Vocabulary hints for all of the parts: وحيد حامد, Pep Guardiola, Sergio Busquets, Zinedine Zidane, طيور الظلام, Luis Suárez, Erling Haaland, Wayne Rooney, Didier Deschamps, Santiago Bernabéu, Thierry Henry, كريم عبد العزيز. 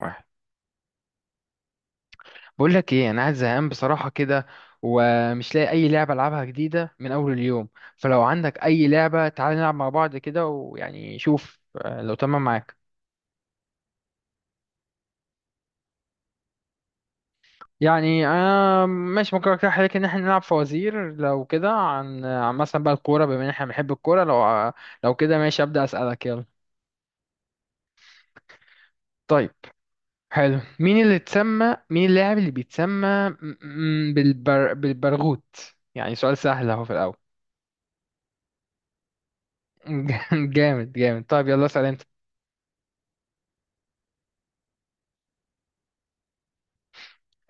واحد، بقول لك ايه. انا قاعد زهقان بصراحه كده، ومش لاقي اي لعبه العبها جديده من اول اليوم. فلو عندك اي لعبه تعالى نلعب مع بعض كده، ويعني شوف لو تمام معاك. يعني انا ماشي. ممكن اقترح عليك ان احنا نلعب فوازير لو كده، عن مثلا بقى الكوره، بما ان احنا بنحب الكوره. لو كده ماشي ابدا، اسالك يلا. طيب، حلو. مين اللاعب اللي بيتسمى بالبرغوت؟ يعني سؤال سهل اهو في الاول. جامد جامد. طيب يلا اسال انت.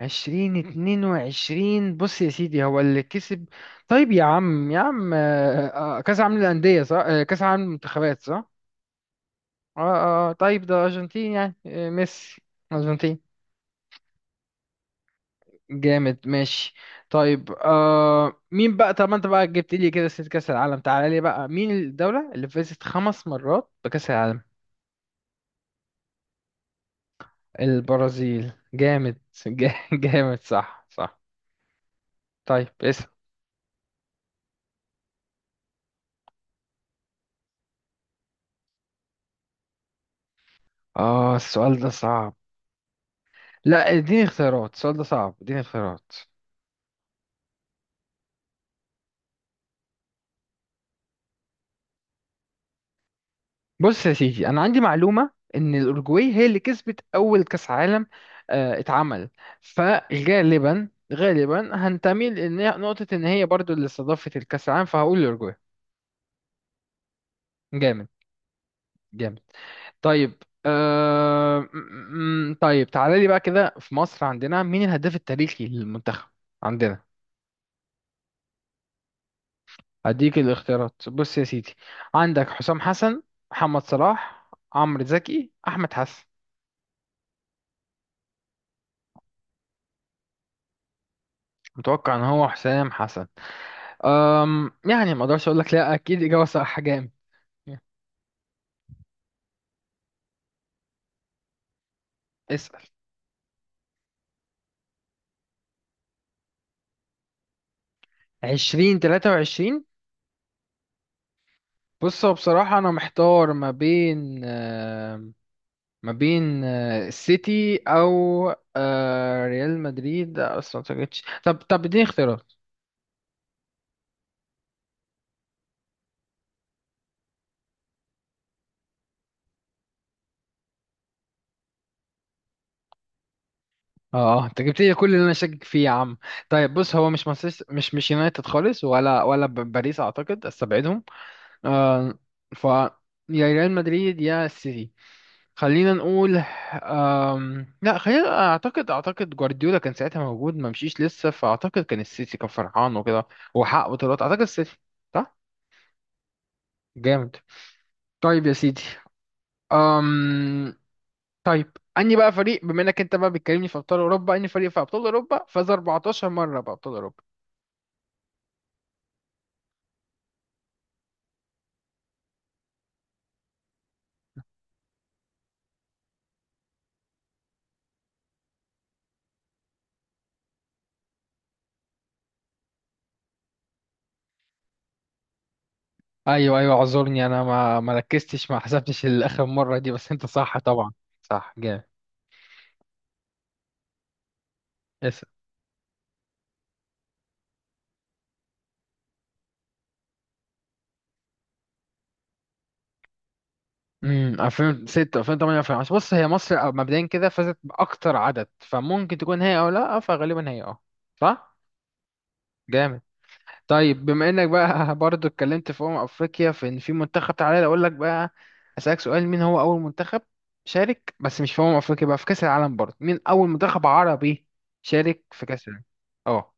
اتنين وعشرين. بص يا سيدي، هو اللي كسب. طيب يا عم يا عم، كأس عالم للأندية؟ صح. كأس عالم المنتخبات، صح. اه اه، طيب ده أرجنتين يعني، ميسي. أرجنتين. جامد، ماشي. طيب مين بقى؟ طب ما انت بقى جبت لي كده ست كأس العالم. تعالى لي بقى، مين الدولة اللي فازت 5 مرات بكأس العالم؟ البرازيل. جامد. جامد، صح صح. طيب اسم، اه السؤال ده صعب. لا اديني اختيارات، السؤال ده صعب، اديني اختيارات. بص يا سيدي، انا عندي معلومه ان الاورجواي هي اللي كسبت اول كاس عالم، آه، اتعمل فغالبا هنتمي لنقطه ان هي برضو اللي استضافت الكاس العالم، فهقول الاورجواي. جامد، جامد. طيب، طيب تعالى لي بقى كده في مصر، عندنا مين الهداف التاريخي للمنتخب عندنا؟ هديك الاختيارات، بص يا سيدي، عندك حسام حسن، محمد صلاح، عمرو زكي، احمد حسن. متوقع ان هو حسام حسن. يعني ما اقدرش اقول لك لا، اكيد اجابه صح. جامد. اسال. 20 23. بص هو بصراحه انا محتار ما بين السيتي او ريال مدريد. اصلا ما جبتش. طب اديني اختيارات. اه، انت جبت لي كل اللي انا شاكك فيه يا عم. طيب بص، هو مش مانشستر، مش يونايتد خالص، ولا باريس اعتقد استبعدهم. آه، ف يا ريال مدريد يا السيتي. خلينا نقول، لا خلينا، اعتقد جوارديولا كان ساعتها موجود، ما مشيش لسه، فاعتقد كان السيتي كان فرحان وكده، وحقق بطولات اعتقد السيتي. صح. جامد. طيب يا سيدي، أم... طيب. اني بقى فريق بما انك انت بقى بتكلمني في ابطال اوروبا، اني فريق في ابطال اوروبا فاز 14 مره بابطال اوروبا. ايوه ايوه، اعذرني انا ما ركزتش، ما حسبتش الاخر مره دي، بس انت صح طبعا. صح. جامد. 2006، 2008، 2010 بص، هي مصر. مبدئيا كده فازت باكتر عدد، فممكن تكون هي او لا، فغالبا هي، اه. صح. جامد. طيب بما انك بقى برضو اتكلمت في افريقيا، في ان في منتخب، تعالى اقول لك بقى اسالك سؤال. مين هو اول منتخب شارك، بس مش في افريقيا بقى، في كاس العالم؟ برضو مين اول منتخب عربي شارك في كاس العالم؟ اه،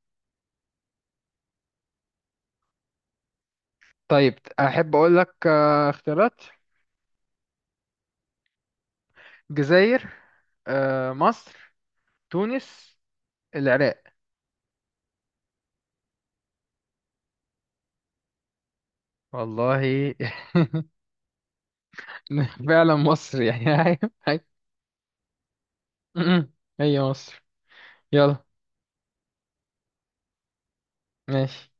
طيب احب اقول لك اختيارات. الجزائر، مصر، تونس، العراق. والله. فعلا مصر يعني. هاي هاي. م-م. هي مصر. يلا. ماشي.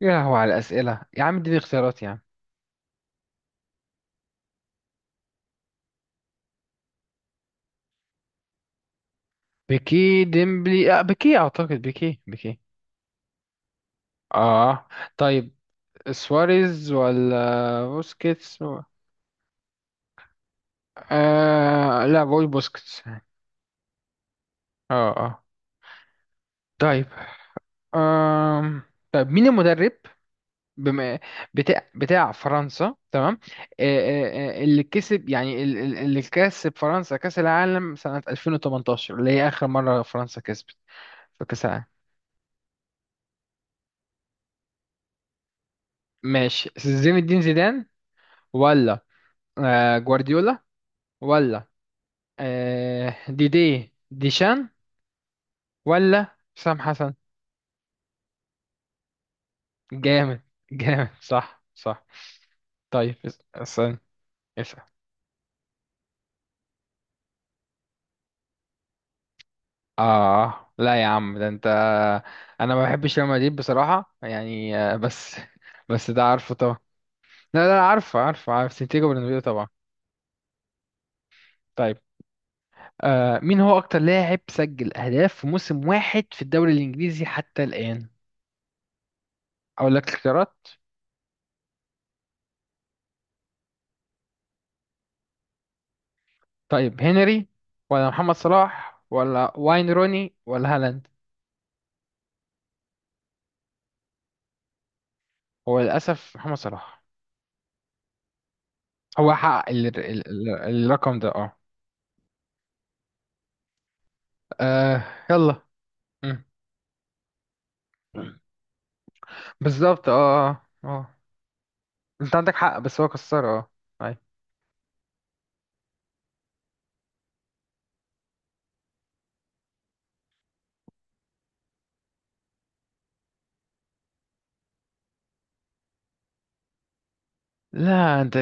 يا لهو على الأسئلة يا عم، اديني اختيارات يا عم. بيكي، ديمبلي، بيكي أعتقد، بيكي. اه. طيب سواريز ولا بوسكيتس؟ لا بقول بوسكيتس، اه. اه. طيب، آم. طيب مين المدرب بما بتاع فرنسا؟ تمام. اللي كسب يعني، اللي كسب فرنسا كأس العالم سنة 2018، اللي هي آخر مرة فرنسا كسبت في كأس العالم. ماشي، زين الدين زيدان، ولا جوارديولا، ولا ديدي ديشان، ولا حسام حسن. جامد. جامد، صح صح. طيب اسأل. اسأل. اه لا يا عم، ده انت انا ما بحبش ريال مدريد بصراحه يعني، بس بس ده عارفه طبعا. لا لا، عارفه، عارف سانتياغو برنابيو طبعا. طيب، مين هو اكتر لاعب سجل اهداف في موسم واحد في الدوري الانجليزي حتى الان؟ اقول لك اختيارات. طيب هنري، ولا محمد صلاح، ولا واين روني، ولا هالاند؟ هو للاسف محمد صلاح. هو حقق الرقم ده، اه. آه، يلا. مم. بالظبط. اه اه. انت عندك حق، بس هو كسر، اه. أيوة. لا انت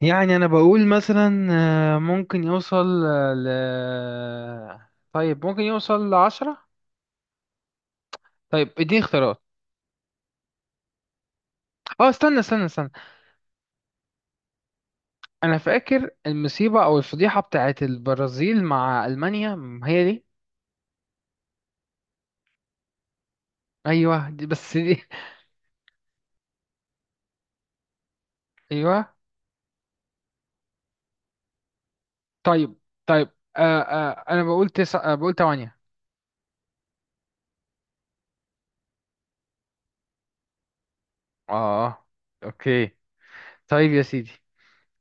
يعني، انا بقول مثلا ممكن يوصل، آه، ل طيب ممكن يوصل لعشرة. طيب اديني اختيارات. اه، استنى استنى استنى. انا فاكر المصيبة او الفضيحة بتاعت البرازيل مع المانيا، هي دي. ايوه دي، بس دي ايوه. طيب. طيب، انا بقول 9، بقول 8. اه. اوكي. طيب يا سيدي،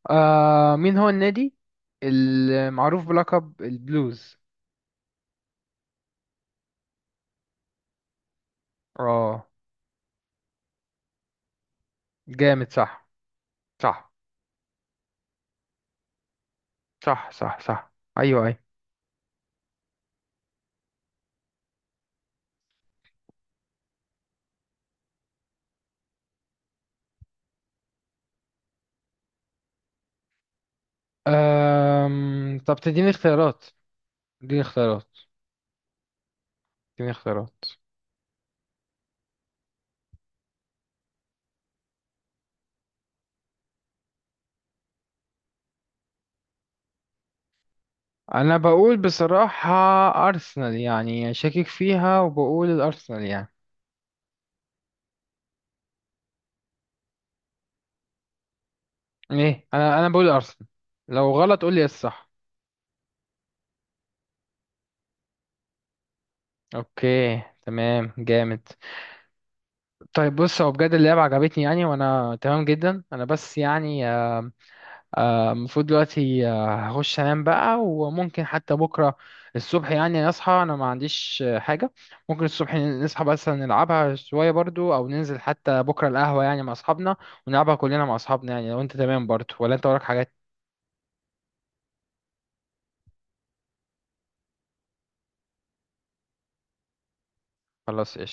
مين هو النادي المعروف بلقب البلوز؟ اه، جامد، صح. صح، صح. صح. صح، ايوه ايوه. طب تديني اختيارات؟ اديني اختيارات، اديني اختيارات. انا بقول بصراحة ارسنال، يعني شاكك فيها وبقول الارسنال، يعني ايه، انا بقول ارسنال. لو غلط قول لي إيه الصح. اوكي تمام. جامد. طيب بص، هو بجد اللعبة عجبتني يعني، وانا تمام جدا انا، بس يعني المفروض دلوقتي هخش انام بقى. وممكن حتى بكره الصبح يعني اصحى، انا ما عنديش حاجه، ممكن الصبح نصحى بس نلعبها شويه برضو، او ننزل حتى بكره القهوه يعني مع اصحابنا ونلعبها كلنا مع اصحابنا، يعني لو انت تمام برضو، ولا انت وراك حاجات؟ خلاص، قشطة.